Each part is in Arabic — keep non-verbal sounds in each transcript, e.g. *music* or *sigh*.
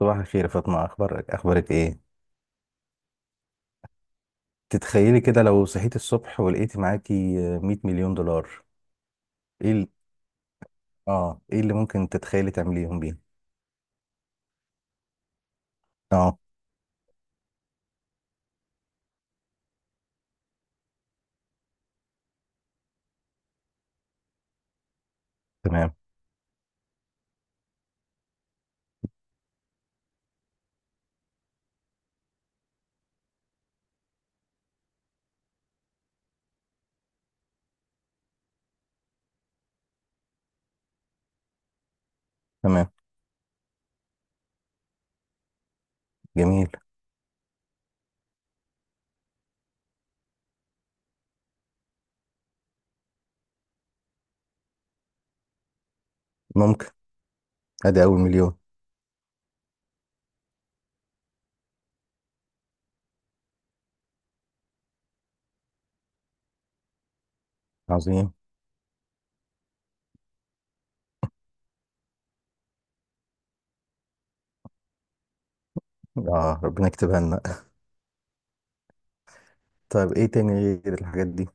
صباح الخير يا فاطمة، أخبارك إيه؟ تتخيلي كده لو صحيتي الصبح ولقيتي معاكي 100 مليون دولار. إيه ال... آه إيه اللي ممكن تتخيلي تعمليهم بيه؟ آه. تمام. تمام. جميل. ممكن. أدي أول مليون. عظيم. آه، ربنا يكتبها لنا. *laughs* طيب، إيه تاني غير الحاجات دي؟ إن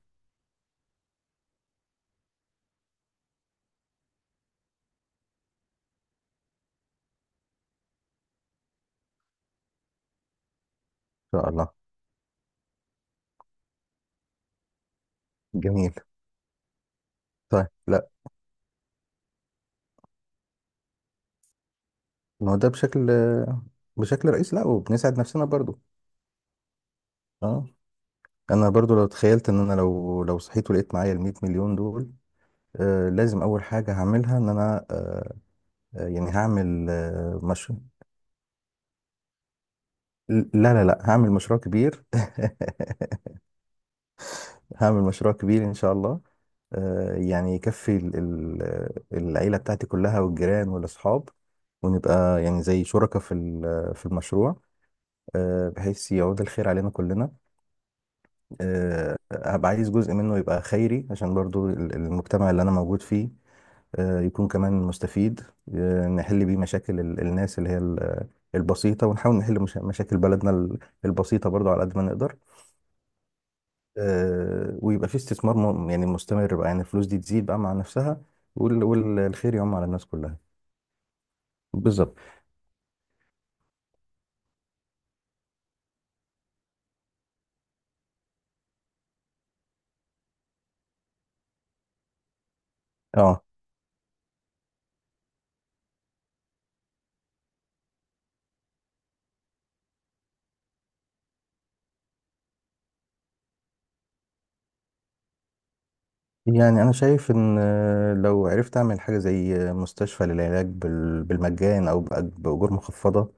شاء الله. جميل. طيب، لا. ما هو ده بشكل رئيسي، لا، وبنسعد نفسنا برضو. آه. أنا برضو لو تخيلت إن أنا لو صحيت ولقيت معايا ال 100 مليون دول. آه، لازم اول حاجه هعملها ان انا آه، آه، يعني هعمل آه، مش لا لا لا، هعمل مشروع كبير. *laughs* هعمل مشروع كبير ان شاء الله. يعني يكفي العيله بتاعتي كلها والجيران والاصحاب، ونبقى يعني زي شركاء في المشروع. بحيث يعود الخير علينا كلنا. هبقى عايز جزء منه يبقى خيري، عشان برضو المجتمع اللي انا موجود فيه، يكون كمان مستفيد. نحل بيه مشاكل الناس البسيطة، ونحاول نحل مشاكل بلدنا البسيطة برضو على قد ما نقدر. ويبقى في استثمار يعني مستمر بقى، يعني الفلوس دي تزيد بقى مع نفسها، والخير يعم على الناس كلها. بالظبط، اه. يعني انا شايف ان، لو عرفت اعمل حاجة زي، مستشفى للعلاج بالمجان او بأجور مخفضة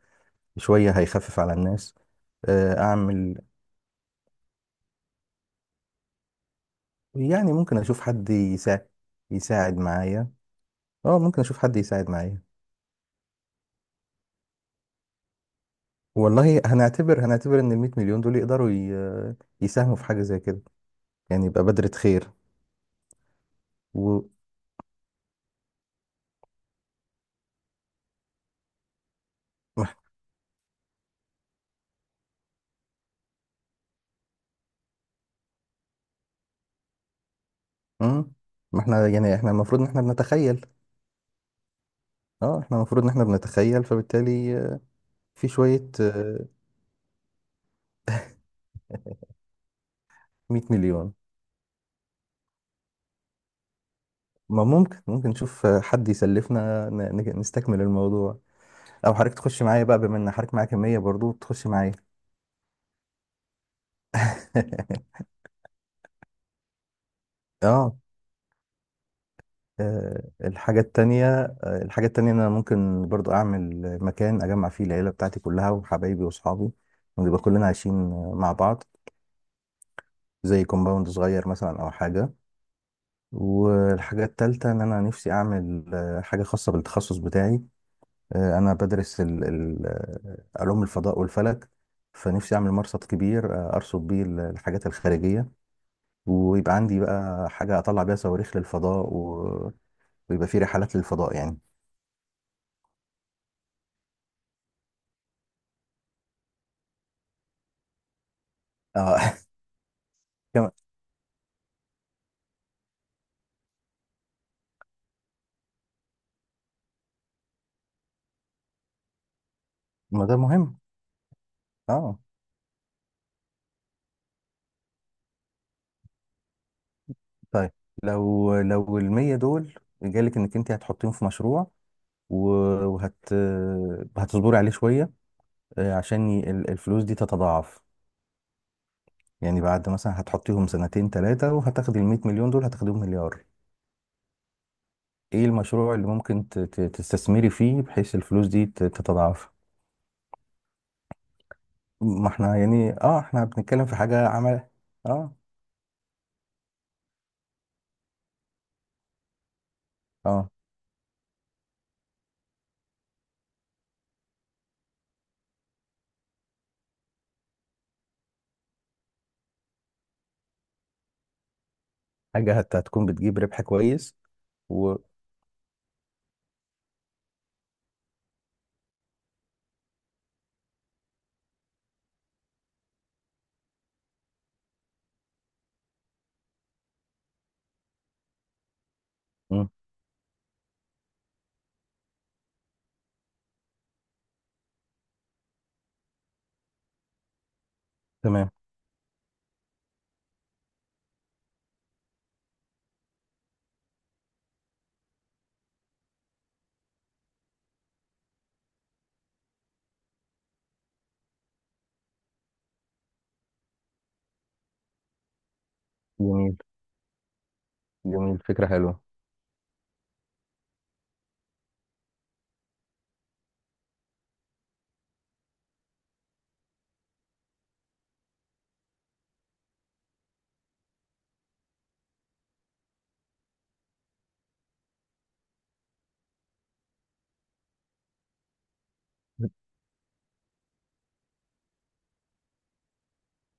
شوية، هيخفف على الناس. اعمل، يعني ممكن اشوف حد يساعد، يساعد معايا. اه، ممكن اشوف حد يساعد معايا. والله هنعتبر ان ال 100 مليون دول يقدروا يساهموا في حاجه زي كده. يعني يبقى بذرة خير. و، مم. ما احنا يعني احنا المفروض ان احنا بنتخيل. اه احنا المفروض ان احنا بنتخيل، فبالتالي في شويه، 100 مليون. ما ممكن، نشوف حد يسلفنا نستكمل الموضوع، او حضرتك تخش معايا بقى، بما ان حضرتك معايا كميه برضو، تخش معايا. *laughs* اه. آه، الحاجة التانية الحاجة التانية، إن أنا ممكن برضو أعمل مكان أجمع فيه العيلة بتاعتي كلها وحبايبي وأصحابي، ونبقى كلنا عايشين، مع بعض، زي كومباوند صغير مثلا أو حاجة. والحاجة التالتة، إن أنا نفسي أعمل، حاجة خاصة بالتخصص بتاعي. أنا بدرس علوم الفضاء والفلك. فنفسي أعمل مرصد كبير، أرصد بيه الحاجات الخارجية، ويبقى عندي بقى حاجة أطلع بيها صواريخ للفضاء و... ويبقى في رحلات للفضاء يعني. اه. *laughs* ما ده مهم. اه. طيب، لو المية دول جالك انك انت هتحطيهم في مشروع، و- وهت هتصبري عليه شوية، عشان الفلوس دي تتضاعف. يعني بعد مثلا هتحطيهم سنتين ثلاثة وهتاخدي ال 100 مليون دول هتاخديهم مليار. ايه المشروع اللي ممكن تستثمري فيه بحيث الفلوس دي تتضاعف. ما احنا يعني اه احنا بنتكلم في حاجة عمل. اه اه، حاجة هتكون بتجيب ربح كويس. و، مم، تمام. جميل. جميل، فكرة حلوة.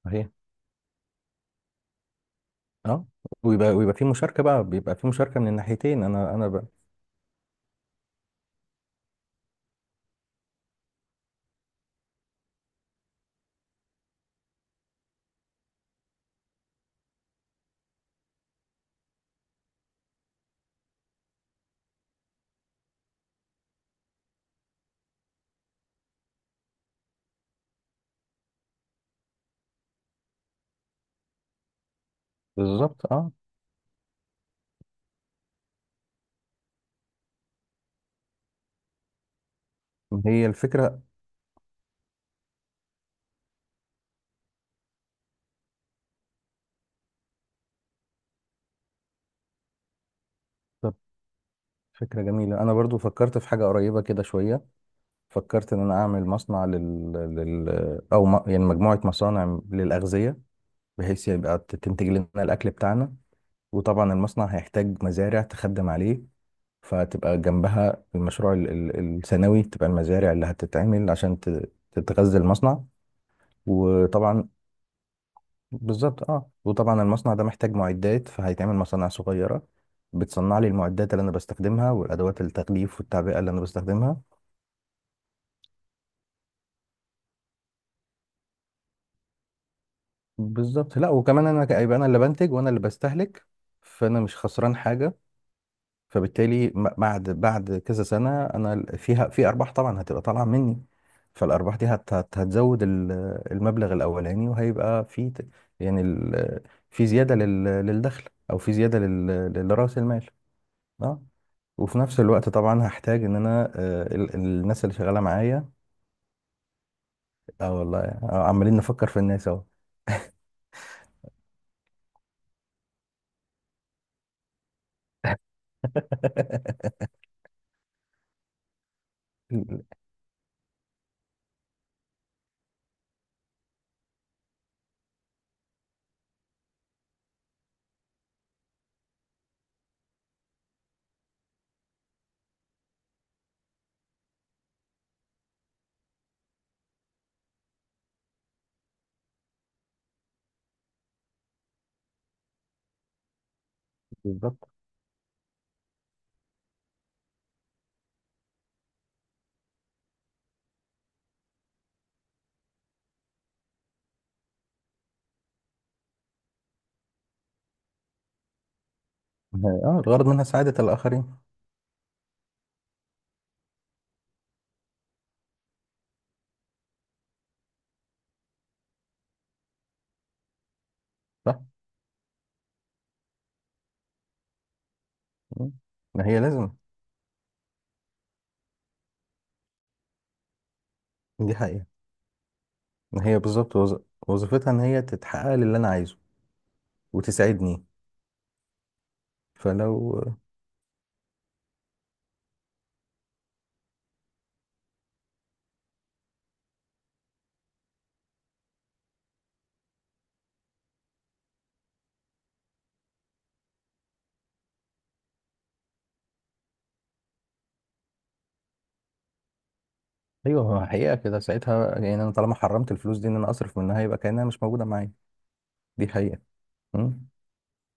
صحيح، اه. ويبقى في مشاركه بقى، بيبقى في مشاركه من الناحيتين، بالظبط اه. هي الفكره. طب فكره جميله، انا برضو فكرت في حاجه قريبه كده شويه. فكرت ان انا اعمل مصنع يعني مجموعه مصانع للاغذيه، بحيث يبقى تنتج لنا الاكل بتاعنا. وطبعا المصنع هيحتاج مزارع تخدم عليه، فتبقى جنبها المشروع الثانوي، تبقى المزارع اللي هتتعمل عشان تتغذى المصنع. وطبعا، بالظبط اه، وطبعا المصنع ده محتاج معدات، فهيتعمل مصانع صغيرة بتصنع لي المعدات اللي انا بستخدمها، والادوات التغليف والتعبئة اللي انا بستخدمها. بالظبط، لا وكمان هيبقى انا اللي بنتج وانا اللي بستهلك، فانا مش خسران حاجة. فبالتالي بعد كذا سنة، انا فيها في ارباح طبعا هتبقى طالعة مني. فالارباح دي هتزود المبلغ الاولاني، وهيبقى في يعني في زيادة للدخل، او في زيادة لرأس المال. اه. وفي نفس الوقت طبعا هحتاج ان انا، الناس اللي شغاله معايا. اه والله، عمالين نفكر في الناس اهو. *laughs* بالظبط اه. الغرض منها سعاده الاخرين. صح. مم. ما هي لازم، دي حقيقه. ما هي بالظبط وظيفتها ان هي تتحقق للي انا عايزه وتساعدني. فلو، ايوه هو حقيقه كده، ساعتها يعني انا طالما حرمت الفلوس دي ان انا اصرف منها يبقى كانها مش موجوده معايا. دي حقيقه. مم.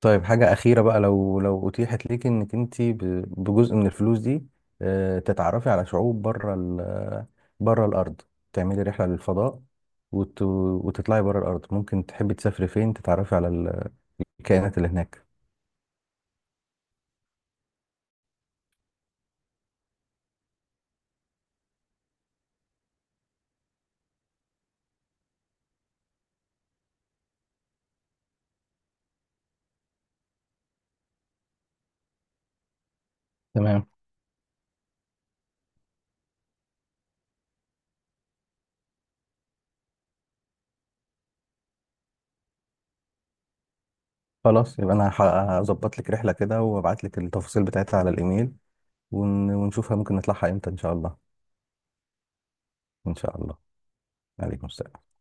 طيب، حاجة أخيرة بقى. لو أتيحت ليك إنك أنت بجزء من الفلوس دي، تتعرفي على شعوب بره بره الأرض، تعملي رحلة للفضاء وتطلعي بره الأرض. ممكن تحبي تسافري فين، تتعرفي على الكائنات اللي هناك. تمام. خلاص يبقى أنا هظبط لك رحلة كده وأبعت لك التفاصيل بتاعتها على الإيميل، ونشوفها ممكن نطلعها إمتى إن شاء الله. إن شاء الله. عليكم السلام.